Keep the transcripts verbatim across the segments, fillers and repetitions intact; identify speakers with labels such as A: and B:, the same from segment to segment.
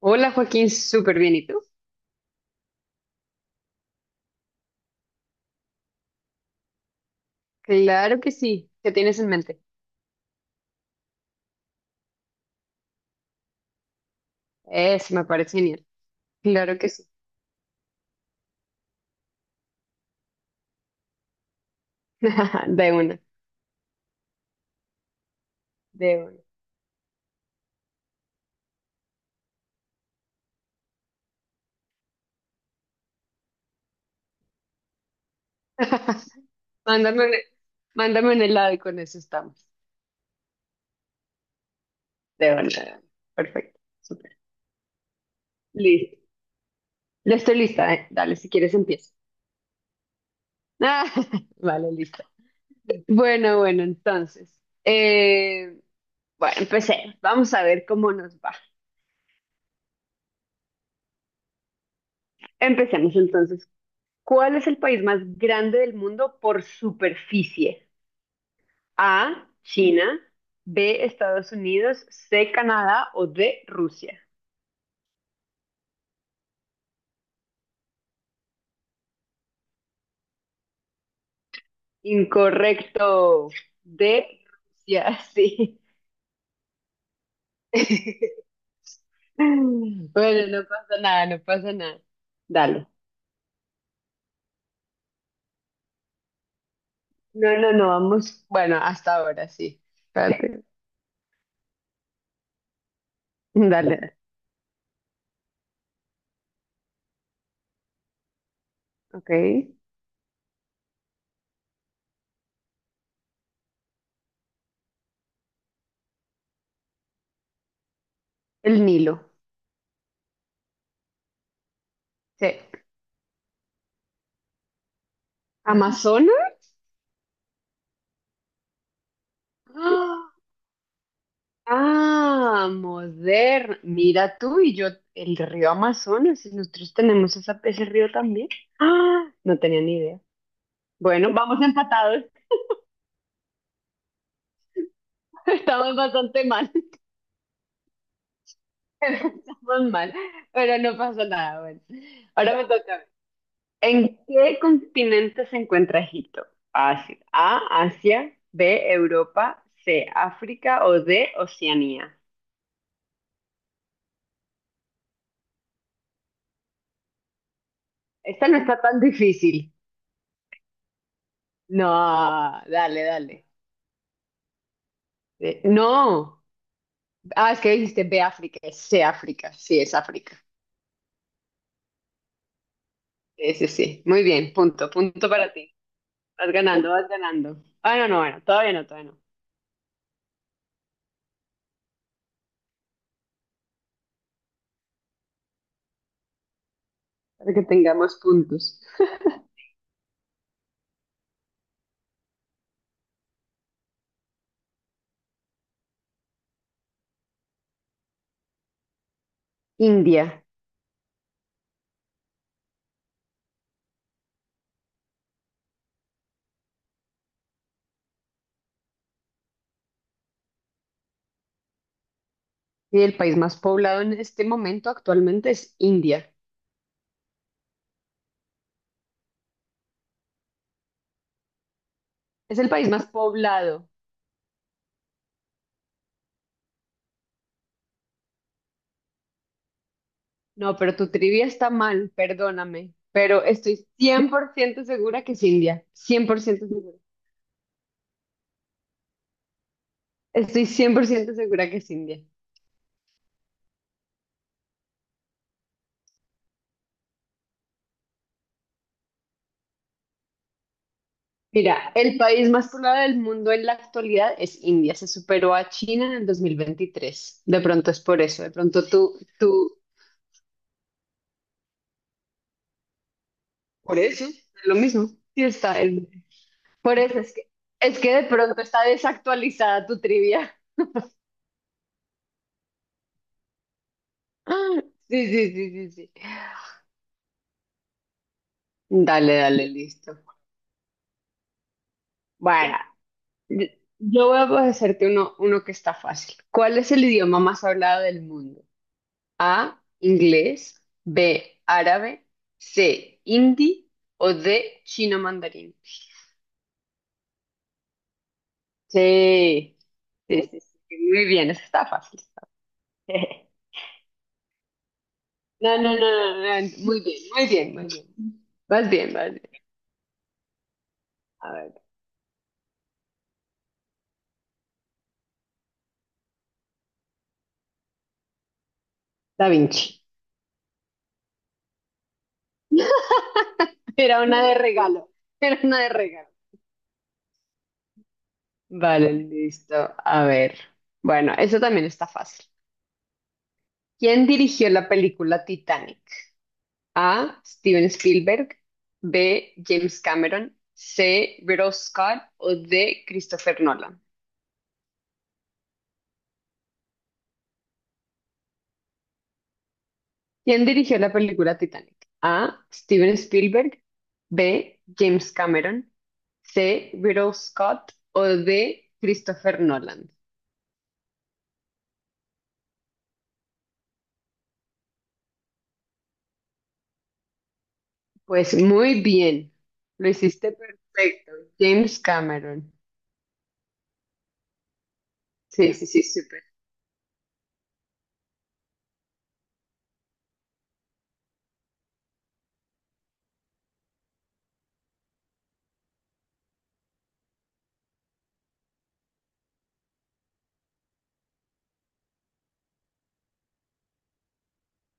A: Hola Joaquín, súper bien. ¿Y tú? Claro que sí. ¿Qué tienes en mente? Eso me parece genial. Claro que sí. De una, de una. Mándame un, mándame un helado y con eso estamos. De una, de una. Perfecto, súper. Listo. Ya estoy lista, ¿eh? Dale, si quieres empiezo. Vale, listo. Bueno, bueno, entonces. eh, bueno, empecé. Vamos a ver cómo nos va. Empecemos entonces. ¿Cuál es el país más grande del mundo por superficie? A, China; B, Estados Unidos; C, Canadá; o D, Rusia. Incorrecto. D, Rusia, sí. Bueno, no pasa nada, no pasa nada. Dale. No, no, no, vamos. Bueno, hasta ahora sí. Espérate. Dale. Ok. El Nilo. Sí. Amazonas. ¡Ah! Ah, moderno. Mira, tú y yo, el río Amazonas, y nosotros tenemos esa- ese río también. Ah, no tenía ni idea. Bueno, vamos empatados. Estamos bastante mal. Estamos mal, pero no pasa nada. Bueno, ahora me toca a mí. ¿En qué continente se encuentra Egipto? Fácil. A, Asia; B, Europa; C, África; o D, Oceanía. Esta no está tan difícil. No, dale, dale. Eh, No. Ah, es que dijiste ve África, es C África, sí, es África. Sí, sí, sí. Muy bien, punto, punto para ti. Vas ganando, vas ganando. Ah, no, no, bueno, todavía no, todavía no. Para que tengamos puntos. India. Y el país más poblado en este momento actualmente es India. Es el país más poblado. No, pero tu trivia está mal, perdóname. Pero estoy cien por ciento segura que es India. Cien por ciento segura. Estoy cien por ciento segura que es India. Mira, el país más poblado del mundo en la actualidad es India. Se superó a China en el dos mil veintitrés. De pronto es por eso. De pronto tú, tú, por eso, es lo mismo. Sí está. El- por eso es que, es que de pronto está desactualizada tu trivia. Sí, sí, sí, sí, sí. Dale, dale, listo. Bueno, yo voy a hacerte uno, uno que está fácil. ¿Cuál es el idioma más hablado del mundo? A, inglés; B, árabe; C, hindi; o D, chino mandarín. Sí, sí, sí, sí, muy bien, eso está fácil. No, no, no, no, no, muy bien, muy bien, muy bien. Vas bien, vas bien. A ver, Da Vinci. Era una de regalo, era una de regalo. Vale, listo. A ver. Bueno, eso también está fácil. ¿Quién dirigió la película Titanic? A, Steven Spielberg; B, James Cameron; C, Ridley Scott; o D, Christopher Nolan. ¿Quién dirigió la película Titanic? A, Steven Spielberg; B, James Cameron; C, Ridley Scott; o D, Christopher Nolan. Pues muy bien. Lo hiciste perfecto. James Cameron. Sí, sí, sí, súper.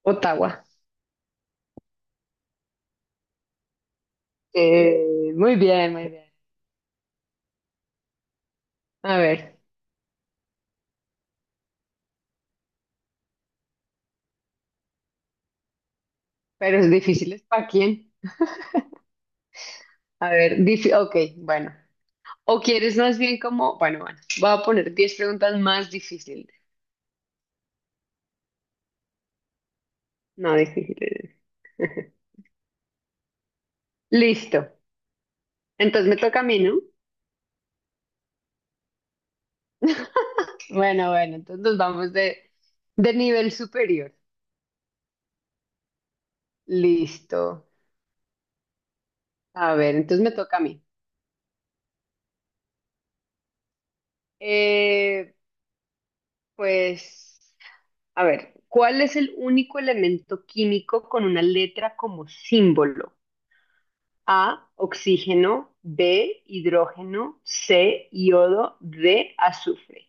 A: Ottawa. Eh, muy bien, muy bien. A ver, pero es difícil, ¿es para quién? A ver, dice, ok, bueno. O quieres más bien como, bueno, bueno, voy a poner diez preguntas más difíciles. No difíciles. Listo. Entonces me toca a mí, ¿no? Bueno, bueno, entonces nos vamos de, de nivel superior. Listo. A ver, entonces me toca a mí. Eh, pues, a ver, ¿cuál es el único elemento químico con una letra como símbolo? A, oxígeno; B, hidrógeno; C, iodo; D, azufre.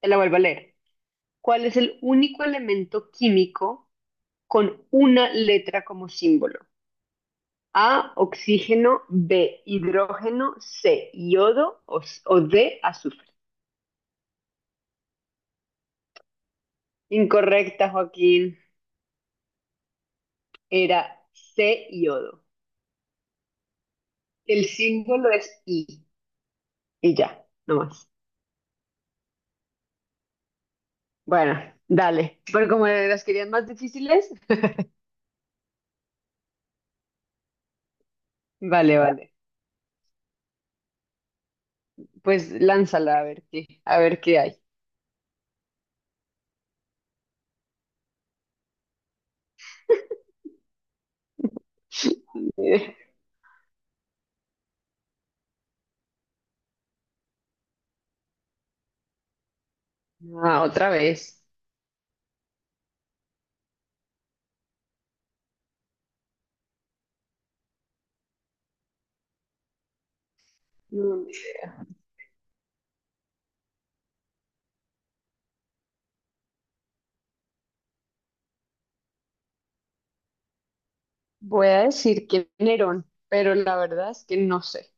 A: Te la vuelvo a leer. ¿Cuál es el único elemento químico con una letra como símbolo? A, oxígeno; B, hidrógeno; C, iodo; o, o D, azufre. Incorrecta, Joaquín. Era C, iodo. El símbolo es I. Y ya, no más. Bueno, dale. Pero como las querían más difíciles, vale, vale. Pues lánzala a ver qué, a ver qué hay. Ah, otra vez. Mm, Voy a decir que Nerón, pero la verdad es que no sé.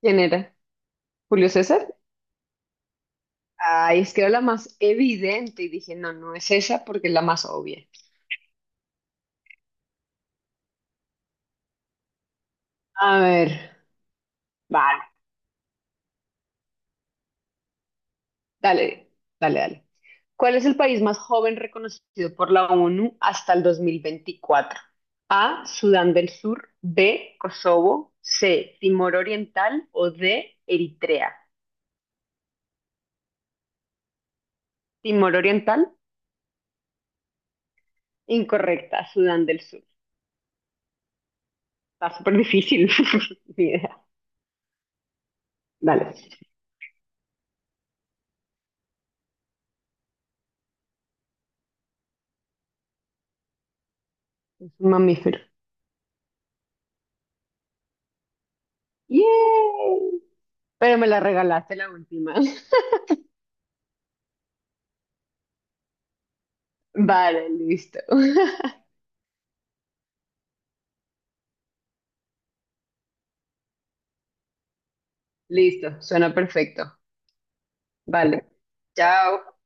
A: ¿Quién era? ¿Julio César? Ay, es que era la más evidente y dije, no, no es esa porque es la más obvia. A ver, vale. Dale, dale, dale. ¿Cuál es el país más joven reconocido por la O N U hasta el dos mil veinticuatro? A, Sudán del Sur; B, Kosovo; C, Timor Oriental; o D, Eritrea. Timor Oriental, incorrecta, Sudán del Sur. Está súper difícil. Ni idea. Dale, es un mamífero. ¡Yay! Pero me la regalaste la última. Vale, listo. Listo, suena perfecto. Vale. Chao.